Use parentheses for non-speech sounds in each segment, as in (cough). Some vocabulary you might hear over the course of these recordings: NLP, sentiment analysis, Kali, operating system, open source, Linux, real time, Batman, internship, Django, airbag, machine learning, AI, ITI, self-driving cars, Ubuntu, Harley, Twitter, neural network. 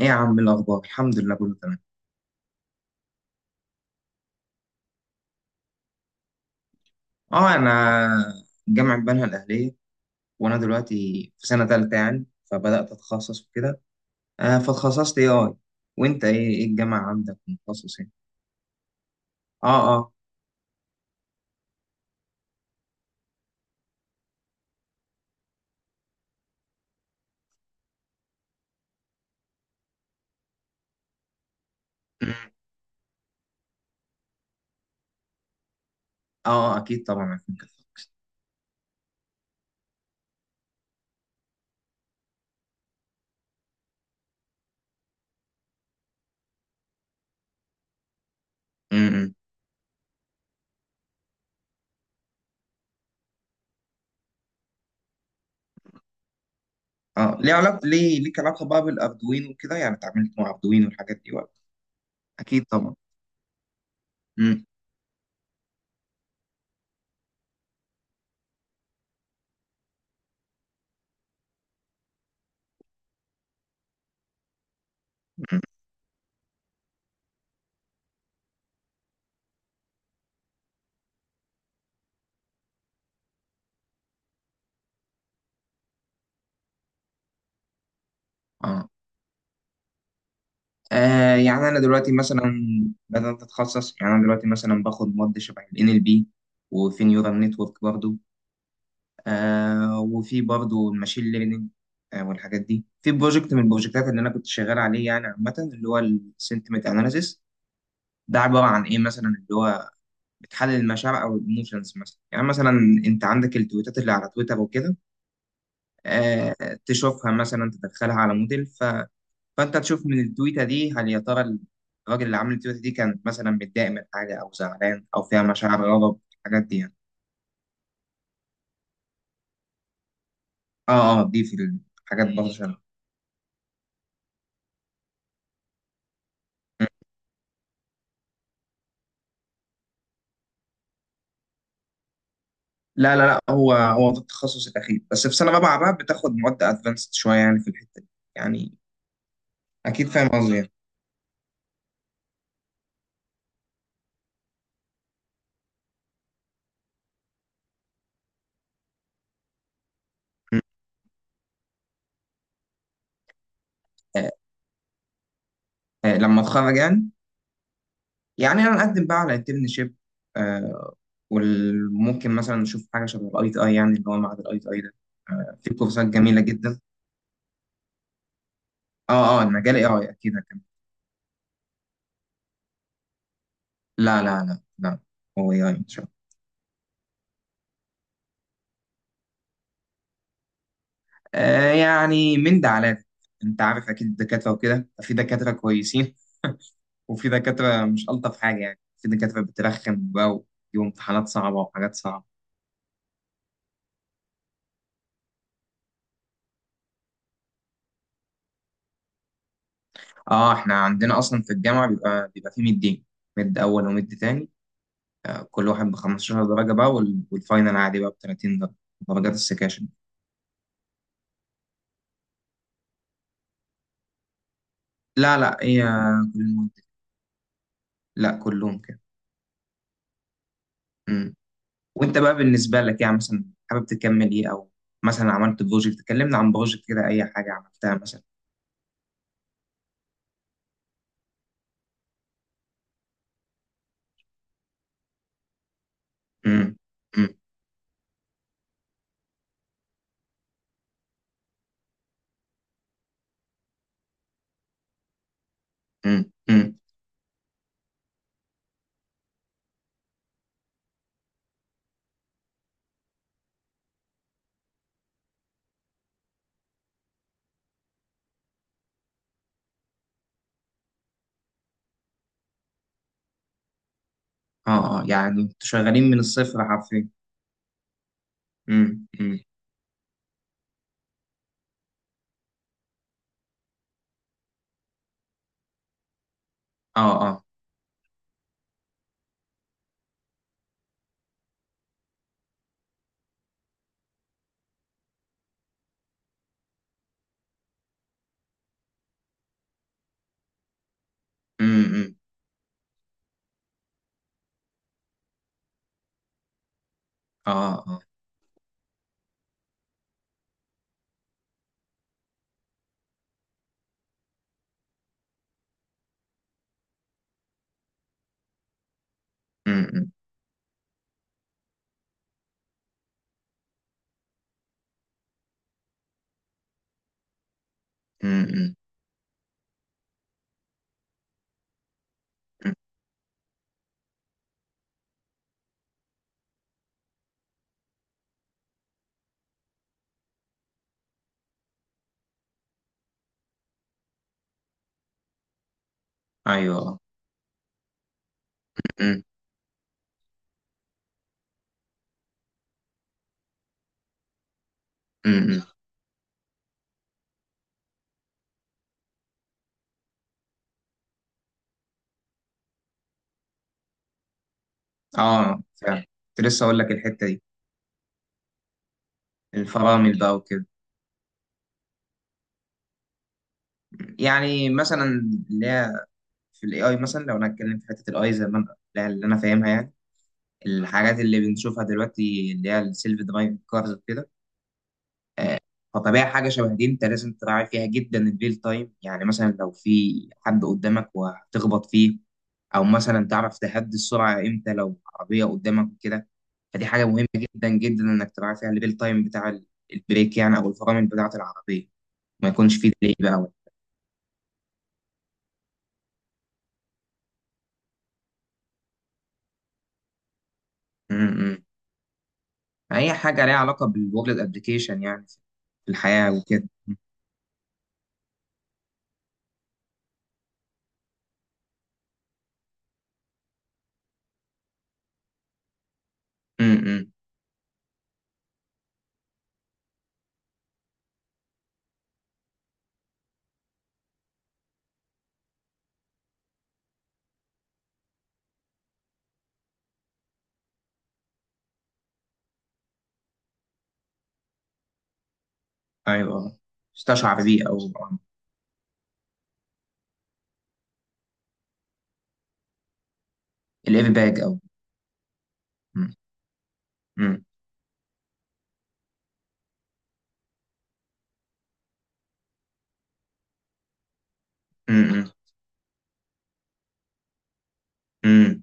ايه يا عم الاخبار؟ الحمد لله كله تمام. اه، انا جامعه بنها الاهليه. وانا دلوقتي في سنه ثالثه يعني، فبدات اتخصص وكده. فتخصصت اي اي. وانت ايه الجامعه عندك متخصص ايه؟ اه، اه. أمم، اه. اكيد طبعا عارفين كده. أمم، أمم. اه، ليه علاقه ليه ليك علاقه بقى بالاردوينو وكده، يعني اتعاملت مع اردوينو والحاجات دي ولا؟ اكيد طبعا. أمم، أمم، اه. يعني انا دلوقتي مثلا بدات اتخصص. يعني انا دلوقتي مثلا باخد مواد شبه ال NLP، وفي نيورال نتورك برضه. وفي برضه الماشين ليرنينج. والحاجات دي، في بروجكت من البروجكتات اللي انا كنت شغال عليه يعني، عامه، اللي هو السنتمنت اناليسيس. ده عباره عن ايه مثلا؟ اللي هو بتحلل المشاعر او الايموشنز مثلا، يعني مثلا انت عندك التويتات اللي على تويتر وكده. آه. تشوفها مثلا، تدخلها على موديل، فانت تشوف من التويته دي هل يا ترى الراجل اللي عامل التويته دي كان مثلا متضايق من حاجه او زعلان او فيها مشاعر غضب، الحاجات دي يعني. اه، اه، دي في الحاجات برضه شغالة. لا، لا، لا، هو ده التخصص الاخير، بس في سنه رابعه بقى بتاخد مواد ادفانسد شويه يعني في الحته دي يعني. اكيد فاهم قصدي يعني. آه، لما اتخرج يعني، يعني انا اقدم بقى على انترنشيب. وممكن مثلا نشوف حاجه شبه الاي تي اي، يعني اللي هو معهد الاي تي اي ده. في كورسات جميله جدا. اه، اه، المجال اي اي اكيد هكمل. لا، لا، لا، لا. هو اي اي ان شاء الله. يعني من ده على ده، انت عارف اكيد الدكاتره وكده، في دكاتره كويسين وفي دكاترة مش ألطف حاجة يعني، في دكاترة بترخم بقى ويجيبوا امتحانات صعبة وحاجات صعبة. اه، احنا عندنا أصلا في الجامعة بيبقى في مدين، مد أول ومد تاني. كل واحد ب 15 درجة بقى، والفاينل عادي بقى ب 30 درجة. درجات السكاشن. لا، لا، هي كل المد. لا، كلهم كده. مم. وانت بقى بالنسبة لك يعني، مثلا حابب تكمل ايه؟ أو مثلا عملت بروجكت؟ كلمنا عن بروجكت كده، أي حاجة عملتها مثلا. مم. مم. مم. مم. اه، اه، يعني انتوا شغالين من الصفر حرفيا. امم، امم. اه، اه. امم، امم. اه، اه. امم، امم، امم، أمم. ايوه. امم، امم. اه فعلا. كنت لسه اقول لك الحته دي، الفرامل بقى وكده. يعني مثلا اللي هي في الاي اي مثلا، لو انا اتكلم في حته الاي زي ما اللي انا فاهمها يعني، الحاجات اللي بنشوفها دلوقتي، اللي هي السيلف درايفنج كارز وكده، فطبيعي حاجة شبه دي انت لازم تراعي فيها جدا الريل تايم. يعني مثلا لو في حد قدامك وهتخبط فيه، او مثلا تعرف تهدي السرعة امتى لو عربية قدامك وكده. فدي حاجة مهمة جدا جدا انك تراعي فيها الريل تايم بتاع البريك يعني، او الفرامل بتاعة العربية. ما يكونش فيه ديلي بقى. امم. اي حاجة ليها علاقة بالورلد ابلكيشن يعني، في الحياة وكده. امم. ايوه، استشعر بيه او الاير باج، او امم، امم، امم.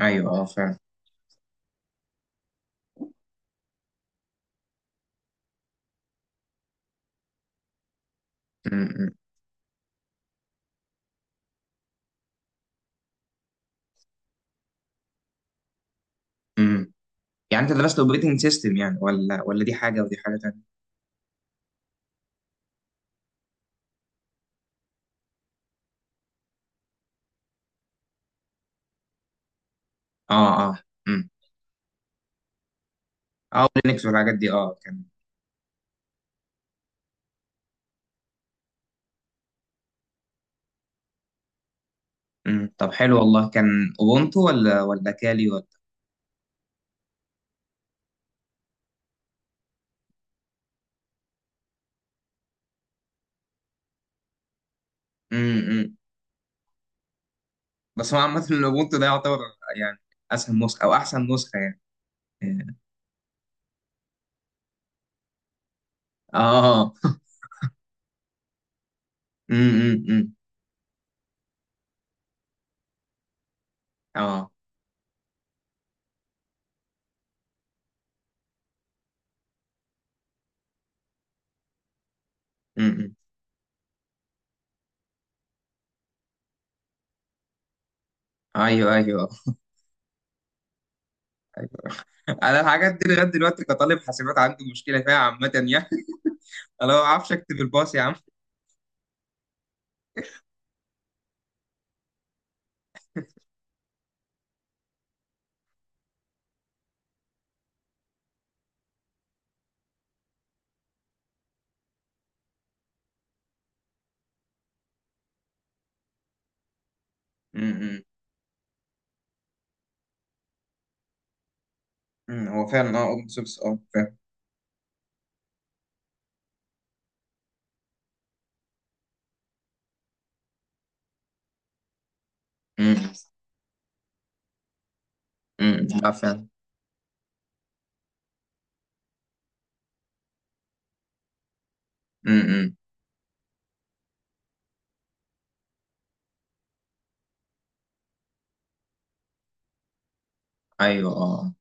ايوه، اه فعلا. م- م- م. يعني انت درست اوبريتنج سيستم يعني، ولا دي حاجه ودي حاجه تانية؟ اه، اه. امم. اه، لينكس والحاجات دي اه كان. امم، طب حلو والله. كان اوبونتو، ولا كالي، ولا؟ امم. بس هو عامه الاوبونتو ده يعتبر يعني اسهل نسخه او احسن نسخه يعني. اه. امم. اه. امم. ايوه، ايوه، ايوه. (laughs) انا الحاجات دي لغايه دلوقتي كطالب حاسبات عندي مشكله فيها عامه يعني. (laughs) انا ما بعرفش اكتب الباص يا عم. امم. هو فعلا، اه، اوبن سورس، اه، فعلا. امم، لا فعلا. امم، ايوه، اه.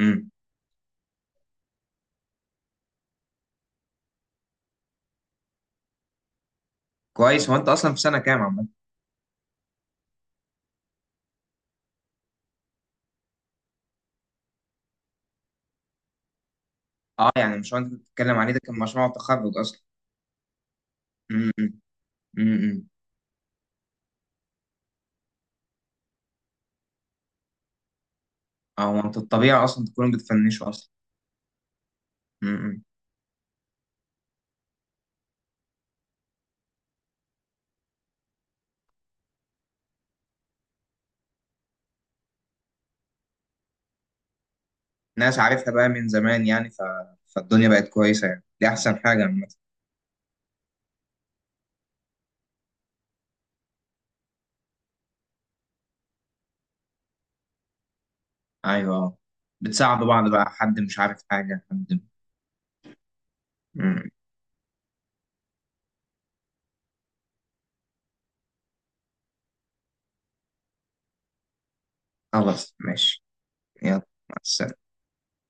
امم. كويس. هو انت اصلا في سنه كام عامه؟ اه، يعني مش هو انت بتتكلم عليه ده كان مشروع تخرج اصلا؟ امم، امم. امم، امم. اه، هو انت الطبيعي اصلا تكونوا بتفنشوا اصلا. امم، ناس عارفها بقى من زمان يعني، فالدنيا بقت كويسه يعني، دي احسن حاجه عامه. ايوه، اه، بتساعدوا بعض بقى، حد مش عارف حاجه، حد. امم. خلاص ماشي. يلا. مع السلامه.